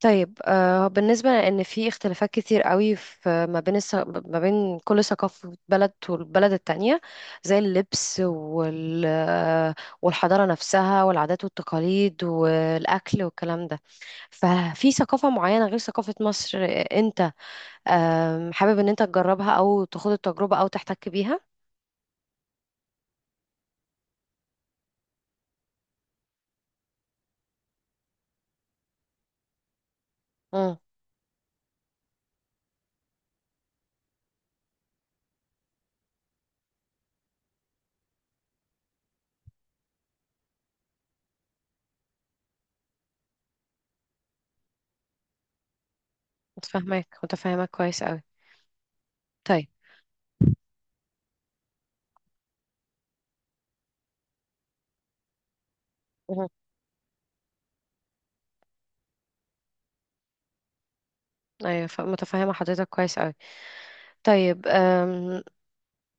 طيب بالنسبة لأن في اختلافات كتير قوي في ما بين كل ثقافة بلد والبلد التانية، زي اللبس والحضارة نفسها والعادات والتقاليد والأكل والكلام ده. ففي ثقافة معينة غير ثقافة مصر، أنت حابب إن أنت تجربها أو تاخد التجربة أو تحتك بيها؟ امم متفاهمك كويس قوي. طيب. مهم. أيوة، متفاهمة حضرتك كويس قوي. طيب،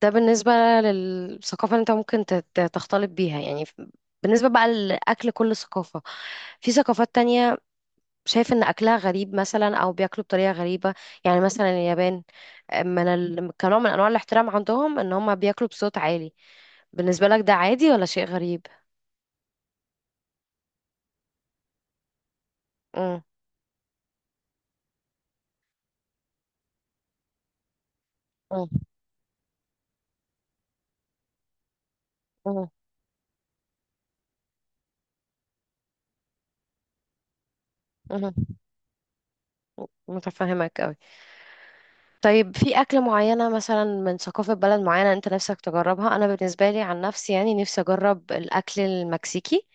ده بالنسبة للثقافة اللي انت ممكن تختلط بيها يعني، بالنسبة بقى لأكل كل ثقافة، في ثقافات تانية شايف إن أكلها غريب مثلا أو بياكلوا بطريقة غريبة. يعني مثلا اليابان، كنوع من أنواع الاحترام عندهم إن هم بياكلوا بصوت عالي. بالنسبة لك ده عادي ولا شيء غريب؟ مم. مم. مم. مم. متفهمك أوي. طيب، في أكلة معينة مثلا من ثقافة بلد معينة أنت نفسك تجربها؟ أنا بالنسبة لي عن نفسي يعني نفسي أجرب الأكل المكسيكي.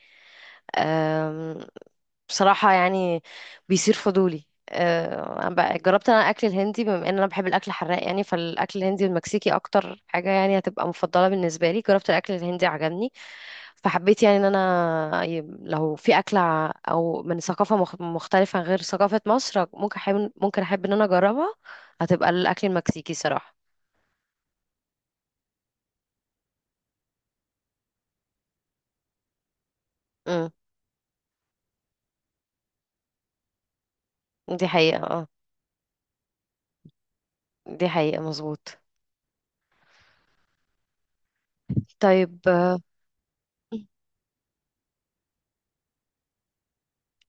أم، بصراحة يعني بيصير فضولي، جربت انا الاكل الهندي بما ان انا بحب الاكل الحراق. يعني فالاكل الهندي والمكسيكي اكتر حاجة يعني هتبقى مفضلة بالنسبة لي. جربت الاكل الهندي عجبني. فحبيت يعني ان انا، لو في اكلة او من ثقافة مختلفة غير ثقافة مصر، ممكن احب ان انا اجربها. هتبقى الاكل المكسيكي صراحة. امم دي حقيقة، اه. دي حقيقة، مظبوط. طيب،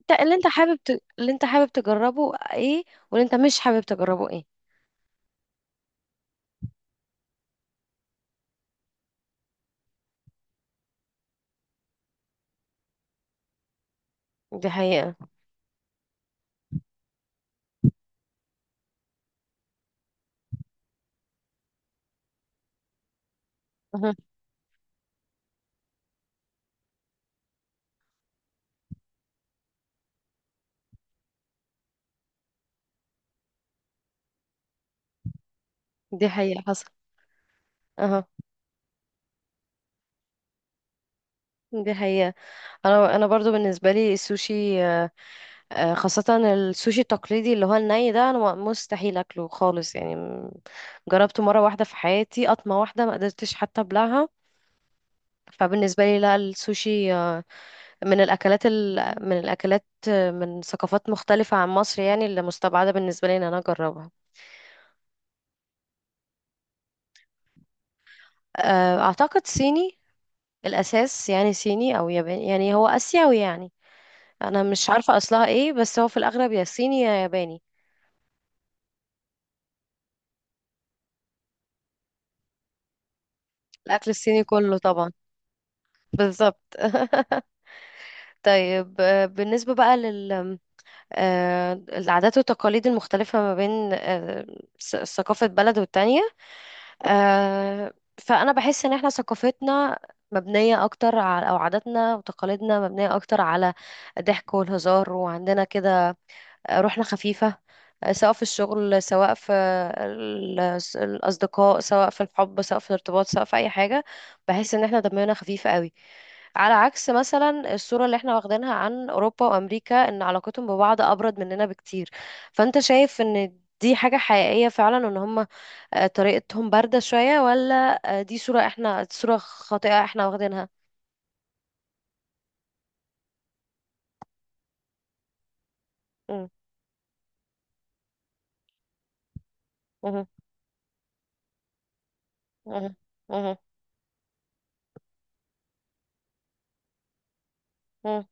انت، اللي انت حابب تجربه ايه؟ واللي انت مش حابب تجربه ايه؟ دي حقيقة. اها. دي حقيقة، حصل. اها. دي حقيقة. انا برضو بالنسبة لي السوشي، خاصة السوشي التقليدي اللي هو الني ده، انا مستحيل اكله خالص يعني، جربته مرة واحدة في حياتي، قطمة واحدة ما قدرتش حتى ابلعها. فبالنسبة لي لا، السوشي، من الأكلات ال... من الأكلات من ثقافات مختلفة عن مصر، يعني اللي مستبعدة بالنسبة لي إن أنا أجربها. أعتقد صيني الأساس، يعني صيني أو ياباني، يعني هو آسيوي يعني. أنا مش عارفة أصلها إيه، بس هو في الأغلب يا صيني يا ياباني. الأكل الصيني كله طبعا. بالظبط. طيب، آه، بالنسبة بقى لل آه، العادات والتقاليد المختلفة ما بين، ثقافة بلد والتانية، آه، فأنا بحس إن إحنا ثقافتنا مبنية أكتر على، أو عاداتنا وتقاليدنا مبنية أكتر على الضحك والهزار، وعندنا كده روحنا خفيفة. سواء في الشغل، سواء في ال- الأصدقاء، سواء في الحب، سواء في الارتباط، سواء في أي حاجة. بحس إن احنا دمنا خفيف قوي، على عكس مثلا الصورة اللي احنا واخدينها عن أوروبا وأمريكا، إن علاقتهم ببعض أبرد مننا بكتير. فأنت شايف إن دي حاجة حقيقية فعلا، إن هم، طريقتهم باردة شوية؟ ولا دي صورة، احنا صورة خاطئة احنا واخدينها؟ مم. مهم. مهم. مهم. مهم.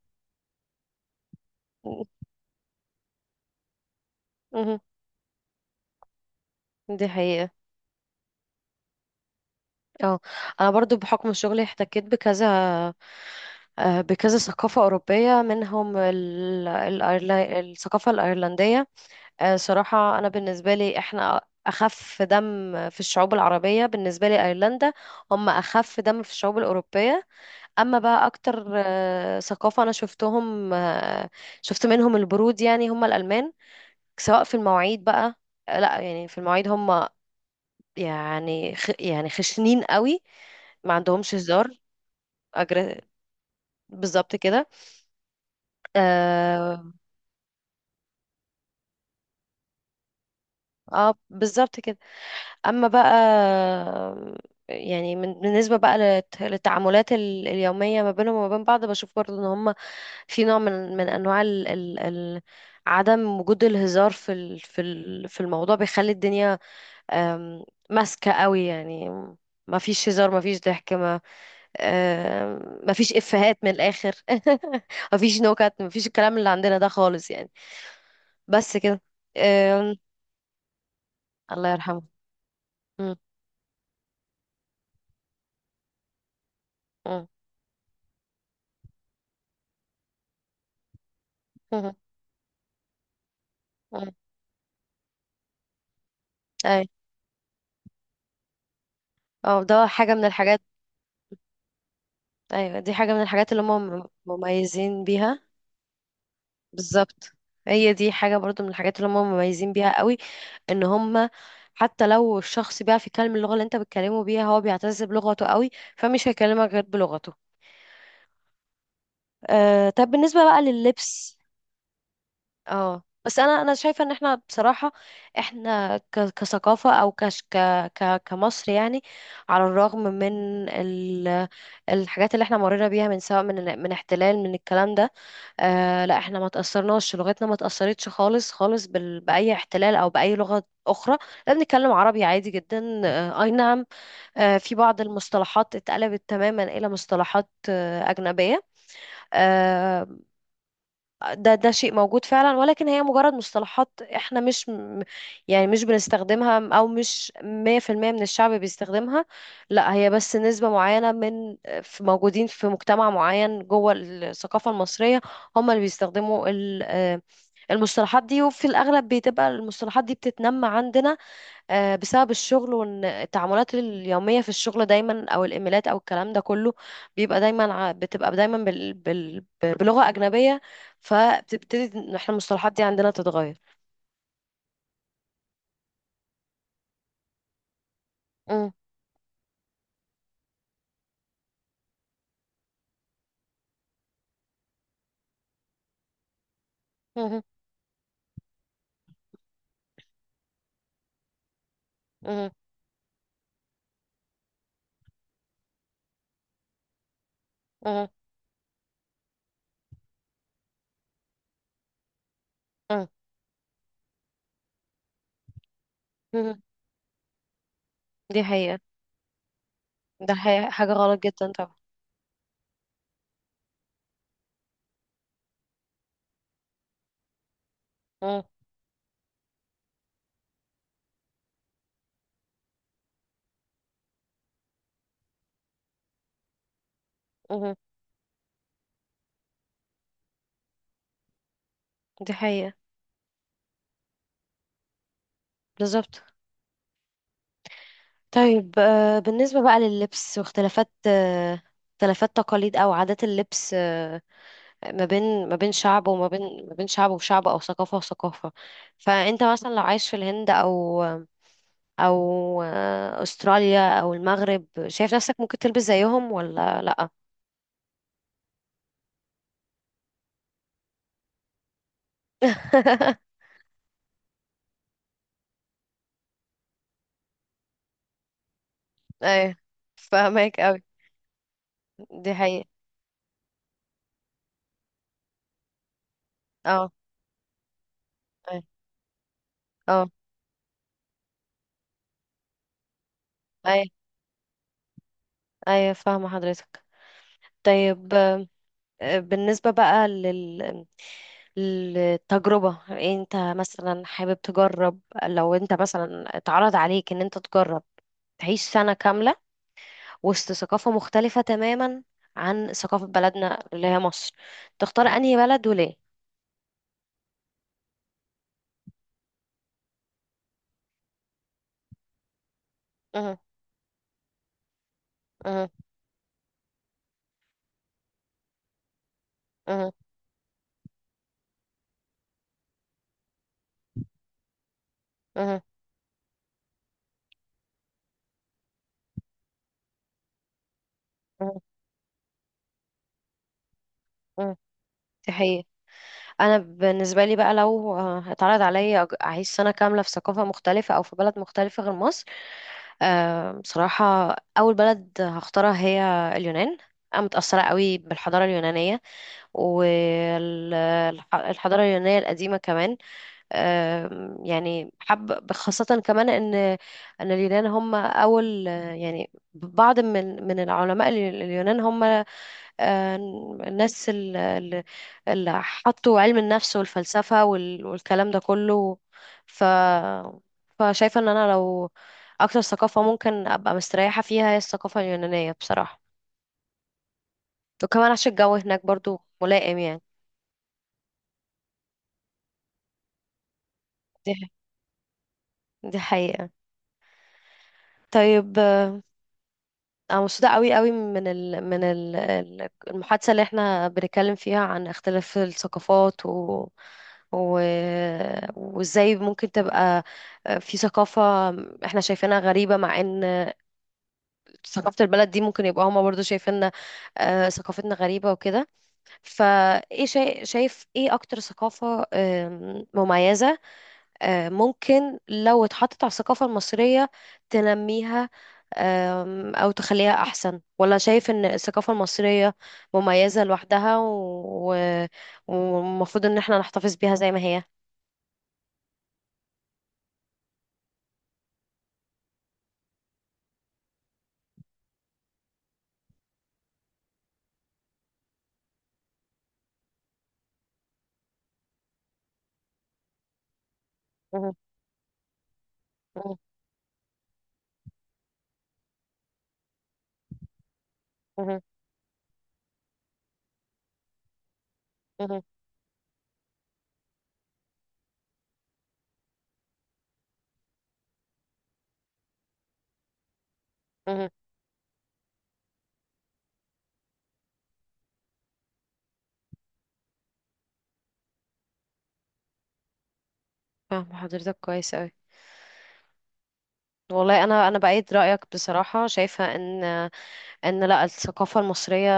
مهم. دي حقيقة، اه. انا برضو بحكم شغلي احتكيت بكذا، بكذا ثقافة أوروبية، منهم الثقافة الأيرلندية. صراحة أنا بالنسبة لي، إحنا أخف دم في الشعوب العربية. بالنسبة لي، أيرلندا هم أخف دم في الشعوب الأوروبية. أما بقى أكتر ثقافة أنا شفتهم، شفت منهم البرود، يعني هم الألمان. سواء في المواعيد بقى. لا يعني في المواعيد هم يعني خشنين قوي، ما عندهمش هزار. أجر... بالظبط كده. اه، بالظبط كده. اما بقى يعني، بالنسبه بقى للتعاملات اليوميه ما بينهم وما بين بعض، بشوف برضو ان هم في نوع من انواع عدم وجود الهزار في الموضوع بيخلي الدنيا، آم، ماسكه قوي يعني. ما فيش هزار، ما فيش ضحك، مفيش إفيهات من الآخر. مفيش نكت، مفيش الكلام اللي عندنا ده خالص يعني. بس كده. آم، الله يرحمه. مم. مم. مم. مم. أي. اه، ده حاجة من الحاجات. أيوة، دي حاجة من الحاجات اللي هم مميزين بيها. بالظبط. هي دي حاجة برضو من الحاجات اللي هم مميزين بيها قوي. ان هم، حتى لو الشخص بيعرف يتكلم اللغة اللي انت بتكلمه بيها، هو بيعتز بلغته قوي. فمش هيكلمك غير بلغته. طب، بالنسبة بقى لللبس. اه، بس انا شايفه ان احنا بصراحه، احنا كثقافه، او كش ك ك كمصر يعني، على الرغم من الحاجات اللي احنا مرينا بيها، من سواء من احتلال، من الكلام ده. لا، احنا ما تاثرناش، لغتنا ما تاثرتش خالص خالص باي احتلال او باي لغه اخرى. لا، بنتكلم عربي عادي جدا. اي نعم، في بعض المصطلحات اتقلبت تماما الى مصطلحات اجنبيه. آه، ده شيء موجود فعلا، ولكن هي مجرد مصطلحات، احنا مش يعني مش بنستخدمها، او مش 100% من الشعب بيستخدمها. لا، هي بس نسبة معينة من، في موجودين في مجتمع معين جوه الثقافة المصرية، هم اللي بيستخدموا المصطلحات دي. وفي الأغلب بتبقى المصطلحات دي بتتنمى عندنا، بسبب الشغل، وان التعاملات اليوميه في الشغل دايما، او الايميلات او الكلام ده كله، بتبقى دايما بلغه اجنبيه. فبتبتدي إن احنا المصطلحات دي عندنا تتغير. مم. مم. مم. مم. مم. مم. دي حقيقه. ده حقيقة، حاجه غلط جدا طبعا. مم. مم. دي حقيقه. بالظبط. طيب، بالنسبه بقى لللبس، واختلافات، اختلافات تقاليد او عادات اللبس، ما بين شعب، وما بين ما بين شعب وشعب، او ثقافة وثقافة. فانت مثلا لو عايش في الهند او استراليا او المغرب، شايف نفسك ممكن تلبس زيهم ولا لا؟ ايه، فاهمك قوي. دي حقيقة. اه. ايه. اه. ايه. ايه، فاهمة حضرتك. طيب، بالنسبة بقى للتجربة، انت مثلا حابب تجرب؟ لو انت مثلا اتعرض عليك ان انت تجرب تعيش سنة كاملة وسط ثقافة مختلفة تماما عن ثقافة بلدنا اللي هي مصر، تختار انهي بلد وليه؟ مه. مه. مه. مه. مه. مه. دي حقيقة. انا بالنسبة لي بقى، لو اتعرض عليا اعيش سنة كاملة في ثقافة مختلفة، او في بلد مختلفة غير مصر، بصراحة أول بلد هختارها هي اليونان. أنا متأثرة قوي بالحضارة اليونانية، والحضارة اليونانية القديمة كمان. يعني حب خاصة كمان إن اليونان هم أول، يعني بعض من العلماء ال- اليونان هم آه، الناس ال- ال- اللي حطوا علم النفس والفلسفة والكلام ده كله. ف فشايفة ان انا، لو اكتر ثقافة ممكن ابقى مستريحة فيها هي الثقافة اليونانية بصراحة. وكمان عشان الجو هناك برضو ملائم يعني. دي دي حقيقة. طيب. أنا مبسوطة قوي قوي من المحادثة اللي احنا بنتكلم فيها عن اختلاف الثقافات، و... وازاي ممكن تبقى في ثقافة احنا شايفينها غريبة، مع ان ثقافة البلد دي ممكن يبقى هما برضو شايفيننا ثقافتنا غريبة وكده. فايه، شايف ايه اكتر ثقافة مميزة، ممكن لو اتحطت على الثقافة المصرية تنميها؟ أو تخليها أحسن؟ ولا شايف إن الثقافة المصرية مميزة لوحدها، والمفروض إن احنا نحتفظ بيها زي ما هي؟ مهم. مهم. مهم. مهم. مهم. فاهمة حضرتك كويس أوي. والله، أنا بأيد رأيك بصراحة، شايفة إن، لا، الثقافة المصرية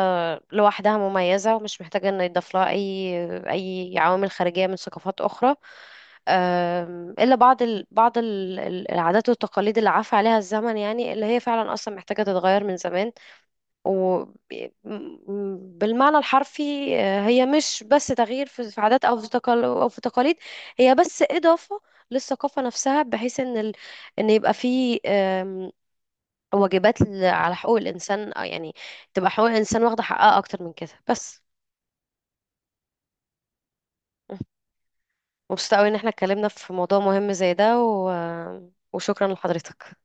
لوحدها مميزة، ومش محتاجة ان يضاف لها اي عوامل خارجية من ثقافات اخرى. الا بعض العادات والتقاليد اللي عفى عليها الزمن، يعني اللي هي فعلا اصلا محتاجة تتغير من زمان. وبالمعنى الحرفي، هي مش بس تغيير في عادات، او في تقاليد. هي بس اضافة للثقافة نفسها، بحيث ان يبقى في، واجبات على حقوق الانسان، يعني تبقى حقوق الانسان واخده حقها اكتر من كده، بس. مبسوطه قوي ان احنا اتكلمنا في موضوع مهم زي ده، وشكرا لحضرتك.